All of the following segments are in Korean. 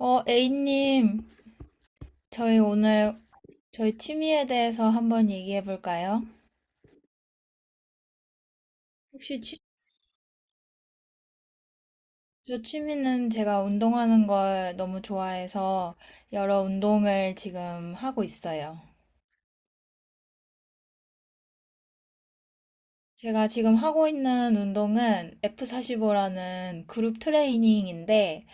A님, 저희 오늘 저희 취미에 대해서 한번 얘기해 볼까요? 혹시 취, 저 취미는 제가 운동하는 걸 너무 좋아해서 여러 운동을 지금 하고 있어요. 제가 지금 하고 있는 운동은 F45라는 그룹 트레이닝인데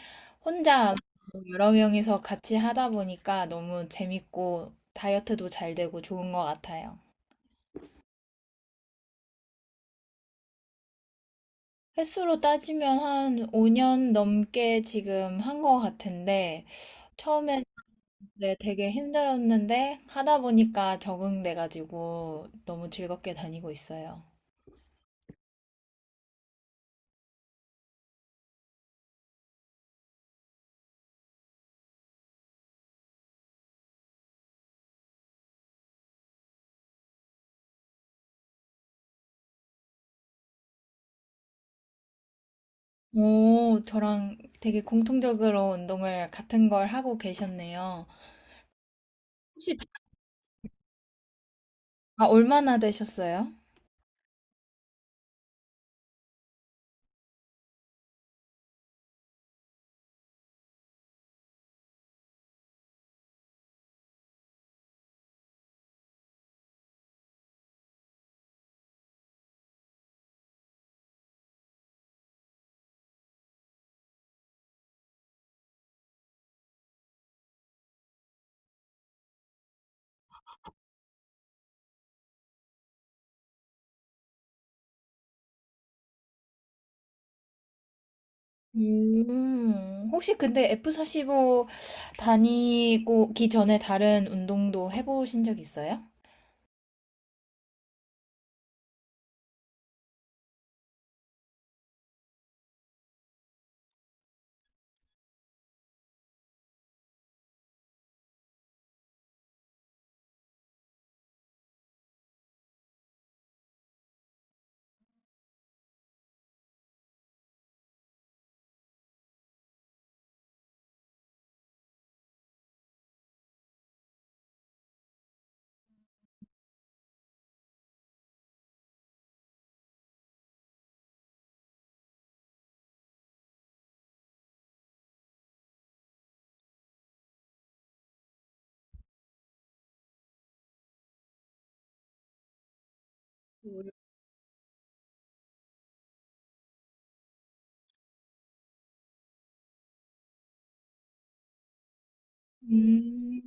혼자 안 하고 여러 명이서 같이 하다 보니까 너무 재밌고 다이어트도 잘 되고 좋은 것 같아요. 횟수로 따지면 한 5년 넘게 지금 한 것 같은데, 처음엔 네, 되게 힘들었는데, 하다 보니까 적응돼가지고 너무 즐겁게 다니고 있어요. 오, 저랑 되게 공통적으로 운동을 같은 걸 하고 계셨네요. 혹시 다 아, 얼마나 되셨어요? 혹시 근데 F45 다니고 기 전에 다른 운동도 해보신 적 있어요? 음,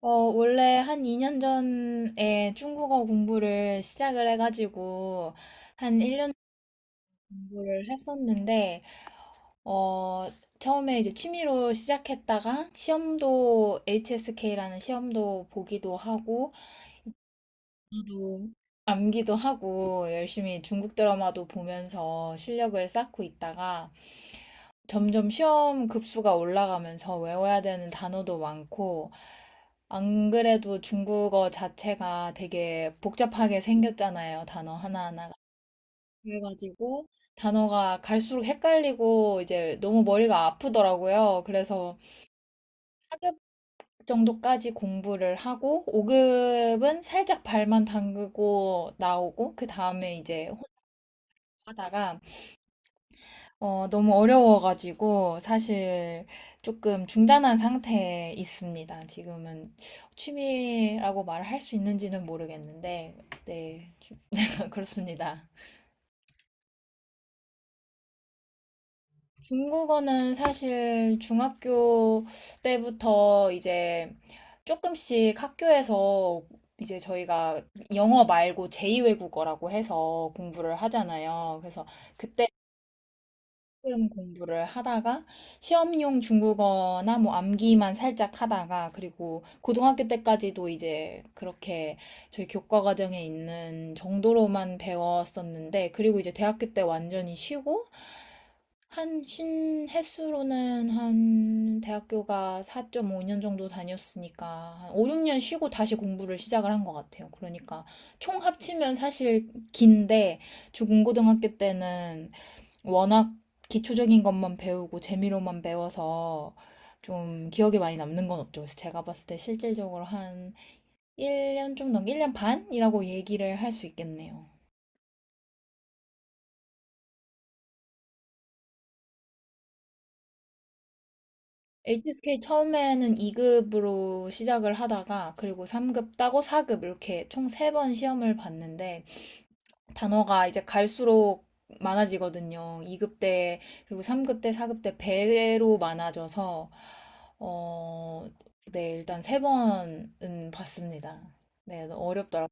어, 원래 한 2년 전에 중국어 공부를 시작을 해가지고 한 1년 공부를 했었는데, 어, 처음에 이제 취미로 시작했다가 시험도 HSK라는 시험도 보기도 하고, 저도 암기도 하고 열심히 중국 드라마도 보면서 실력을 쌓고 있다가 점점 시험 급수가 올라가면서 외워야 되는 단어도 많고 안 그래도 중국어 자체가 되게 복잡하게 생겼잖아요. 단어 하나하나가. 그래가지고 단어가 갈수록 헷갈리고 이제 너무 머리가 아프더라고요. 그래서 정도까지 공부를 하고 5급은 살짝 발만 담그고 나오고 그 다음에 이제 혼자 하다가 너무 어려워가지고 사실 조금 중단한 상태에 있습니다. 지금은 취미라고 말을 할 수 있는지는 모르겠는데 네, 네, 그렇습니다. 중국어는 사실 중학교 때부터 이제 조금씩 학교에서 이제 저희가 영어 말고 제2외국어라고 해서 공부를 하잖아요. 그래서 그때 조금 공부를 하다가 시험용 중국어나 뭐 암기만 살짝 하다가 그리고 고등학교 때까지도 이제 그렇게 저희 교과 과정에 있는 정도로만 배웠었는데 그리고 이제 대학교 때 완전히 쉬고 한 신횟수로는 한 대학교가 4.5년 정도 다녔으니까 한 5, 6년 쉬고 다시 공부를 시작을 한 것 같아요. 그러니까 총 합치면 사실 긴데 중고등학교 때는 워낙 기초적인 것만 배우고 재미로만 배워서 좀 기억에 많이 남는 건 없죠. 그래서 제가 봤을 때 실질적으로 한 1년 좀 넘게, 1년 반이라고 얘기를 할 수 있겠네요. HSK 처음에는 2급으로 시작을 하다가 그리고 3급 따고 4급 이렇게 총 3번 시험을 봤는데 단어가 이제 갈수록 많아지거든요. 2급 때 그리고 3급 때 4급 때 배로 많아져서 어, 네, 일단 3번은 봤습니다. 네, 너무 어렵더라고요.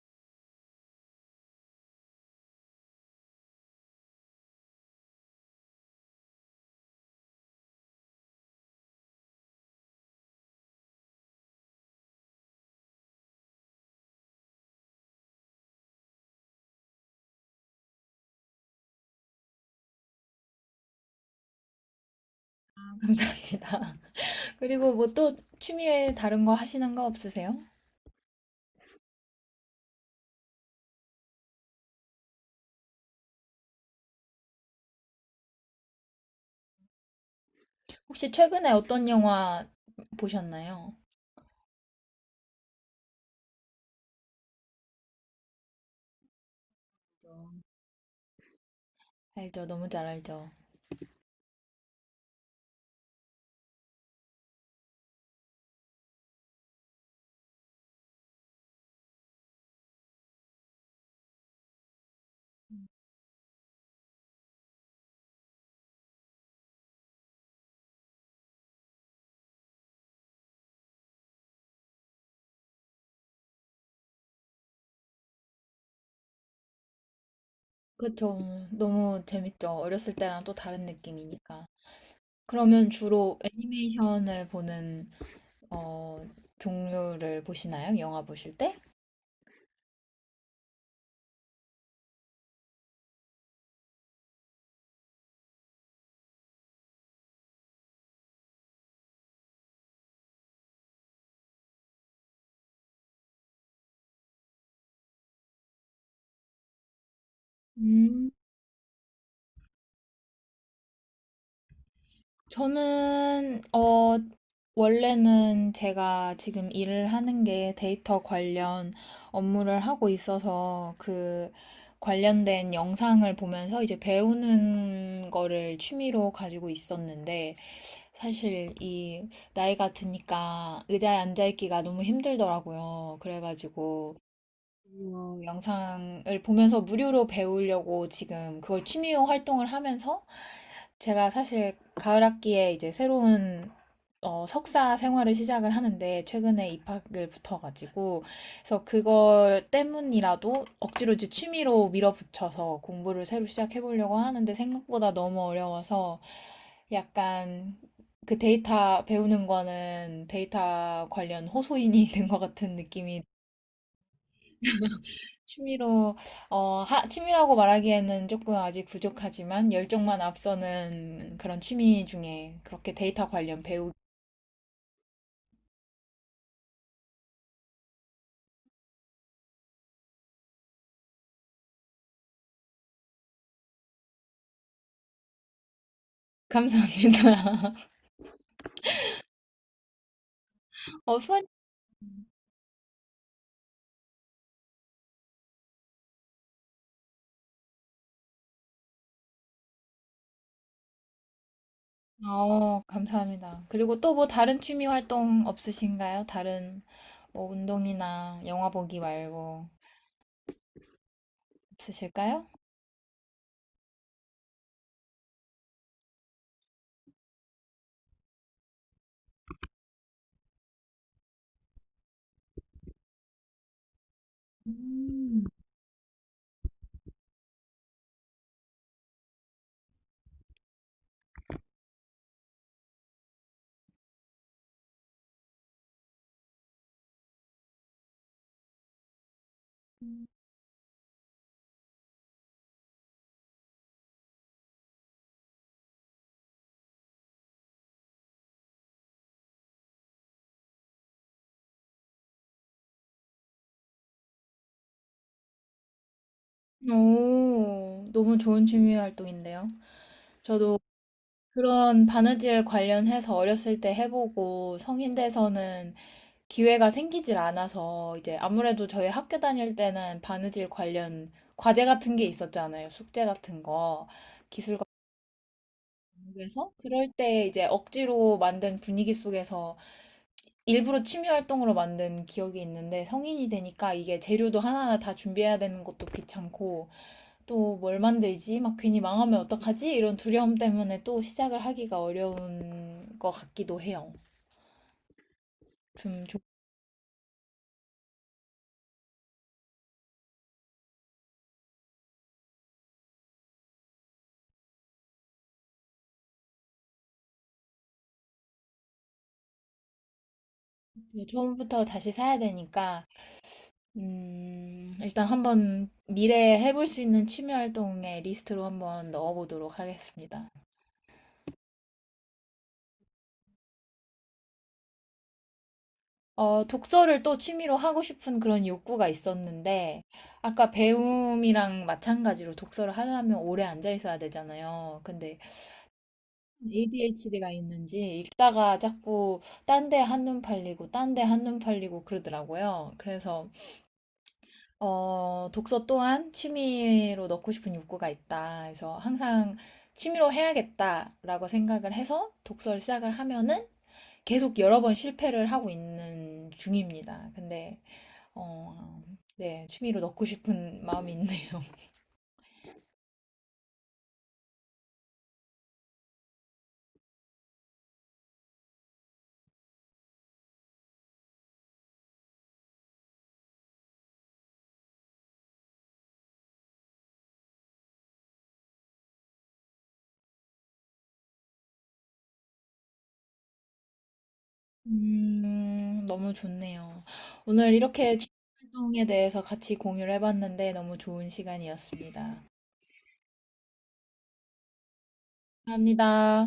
감사합니다. 그리고 뭐 또 취미 외에 다른 거 하시는 거 없으세요? 혹시 최근에 어떤 영화 보셨나요? 알죠. 너무 잘 알죠. 그쵸. 너무 재밌죠. 어렸을 때랑 또 다른 느낌이니까. 그러면 주로 애니메이션을 보는 어, 종류를 보시나요? 영화 보실 때? 음, 저는 원래는 제가 지금 일을 하는 게 데이터 관련 업무를 하고 있어서 그 관련된 영상을 보면서 이제 배우는 거를 취미로 가지고 있었는데 사실 이 나이가 드니까 의자에 앉아 있기가 너무 힘들더라고요. 그래가지고 그 영상을 보면서 무료로 배우려고 지금 그걸 취미 활동을 하면서 제가 사실 가을 학기에 이제 새로운 석사 생활을 시작을 하는데 최근에 입학을 붙어가지고 그래서 그걸 때문이라도 억지로 이제 취미로 밀어붙여서 공부를 새로 시작해보려고 하는데 생각보다 너무 어려워서 약간 그 데이터 배우는 거는 데이터 관련 호소인이 된 것 같은 느낌이 취미로, 취미라고 말하기에는 조금 아직 부족하지만 열정만 앞서는 그런 취미 중에 그렇게 데이터 관련 배우기. 감사합니다. 수아님, 감사합니다. 그리고 또 뭐 다른 취미 활동 없으신가요? 다른 뭐 운동이나 영화 보기 말고 없으실까요? 음. 오, 너무 좋은 취미 활동인데요. 저도 그런 바느질 관련해서 어렸을 때 해보고 성인 돼서는 기회가 생기질 않아서 이제 아무래도 저희 학교 다닐 때는 바느질 관련 과제 같은 게 있었잖아요. 숙제 같은 거. 기술과 공부해서 그럴 때 이제 억지로 만든 분위기 속에서 일부러 취미 활동으로 만든 기억이 있는데 성인이 되니까 이게 재료도 하나하나 다 준비해야 되는 것도 귀찮고 또 뭘 만들지? 막 괜히 망하면 어떡하지? 이런 두려움 때문에 또 시작을 하기가 어려운 것 같기도 해요. 좀 조- 처음부터 다시 사야 되니까 일단 한번 미래에 해볼 수 있는 취미 활동의 리스트로 한번 넣어보도록 하겠습니다. 독서를 또 취미로 하고 싶은 그런 욕구가 있었는데, 아까 배움이랑 마찬가지로 독서를 하려면 오래 앉아 있어야 되잖아요. 근데 ADHD가 있는지 읽다가 자꾸 딴데 한눈 팔리고, 딴데 한눈 팔리고 그러더라고요. 그래서 독서 또한 취미로 넣고 싶은 욕구가 있다. 그래서 항상 취미로 해야겠다라고 생각을 해서 독서를 시작을 하면은 계속 여러 번 실패를 하고 있는 중입니다. 근데, 어, 네, 취미로 넣고 싶은 마음이 있네요. 너무 좋네요. 오늘 이렇게 취미 활동에 대해서 같이 공유를 해봤는데 너무 좋은 시간이었습니다. 감사합니다.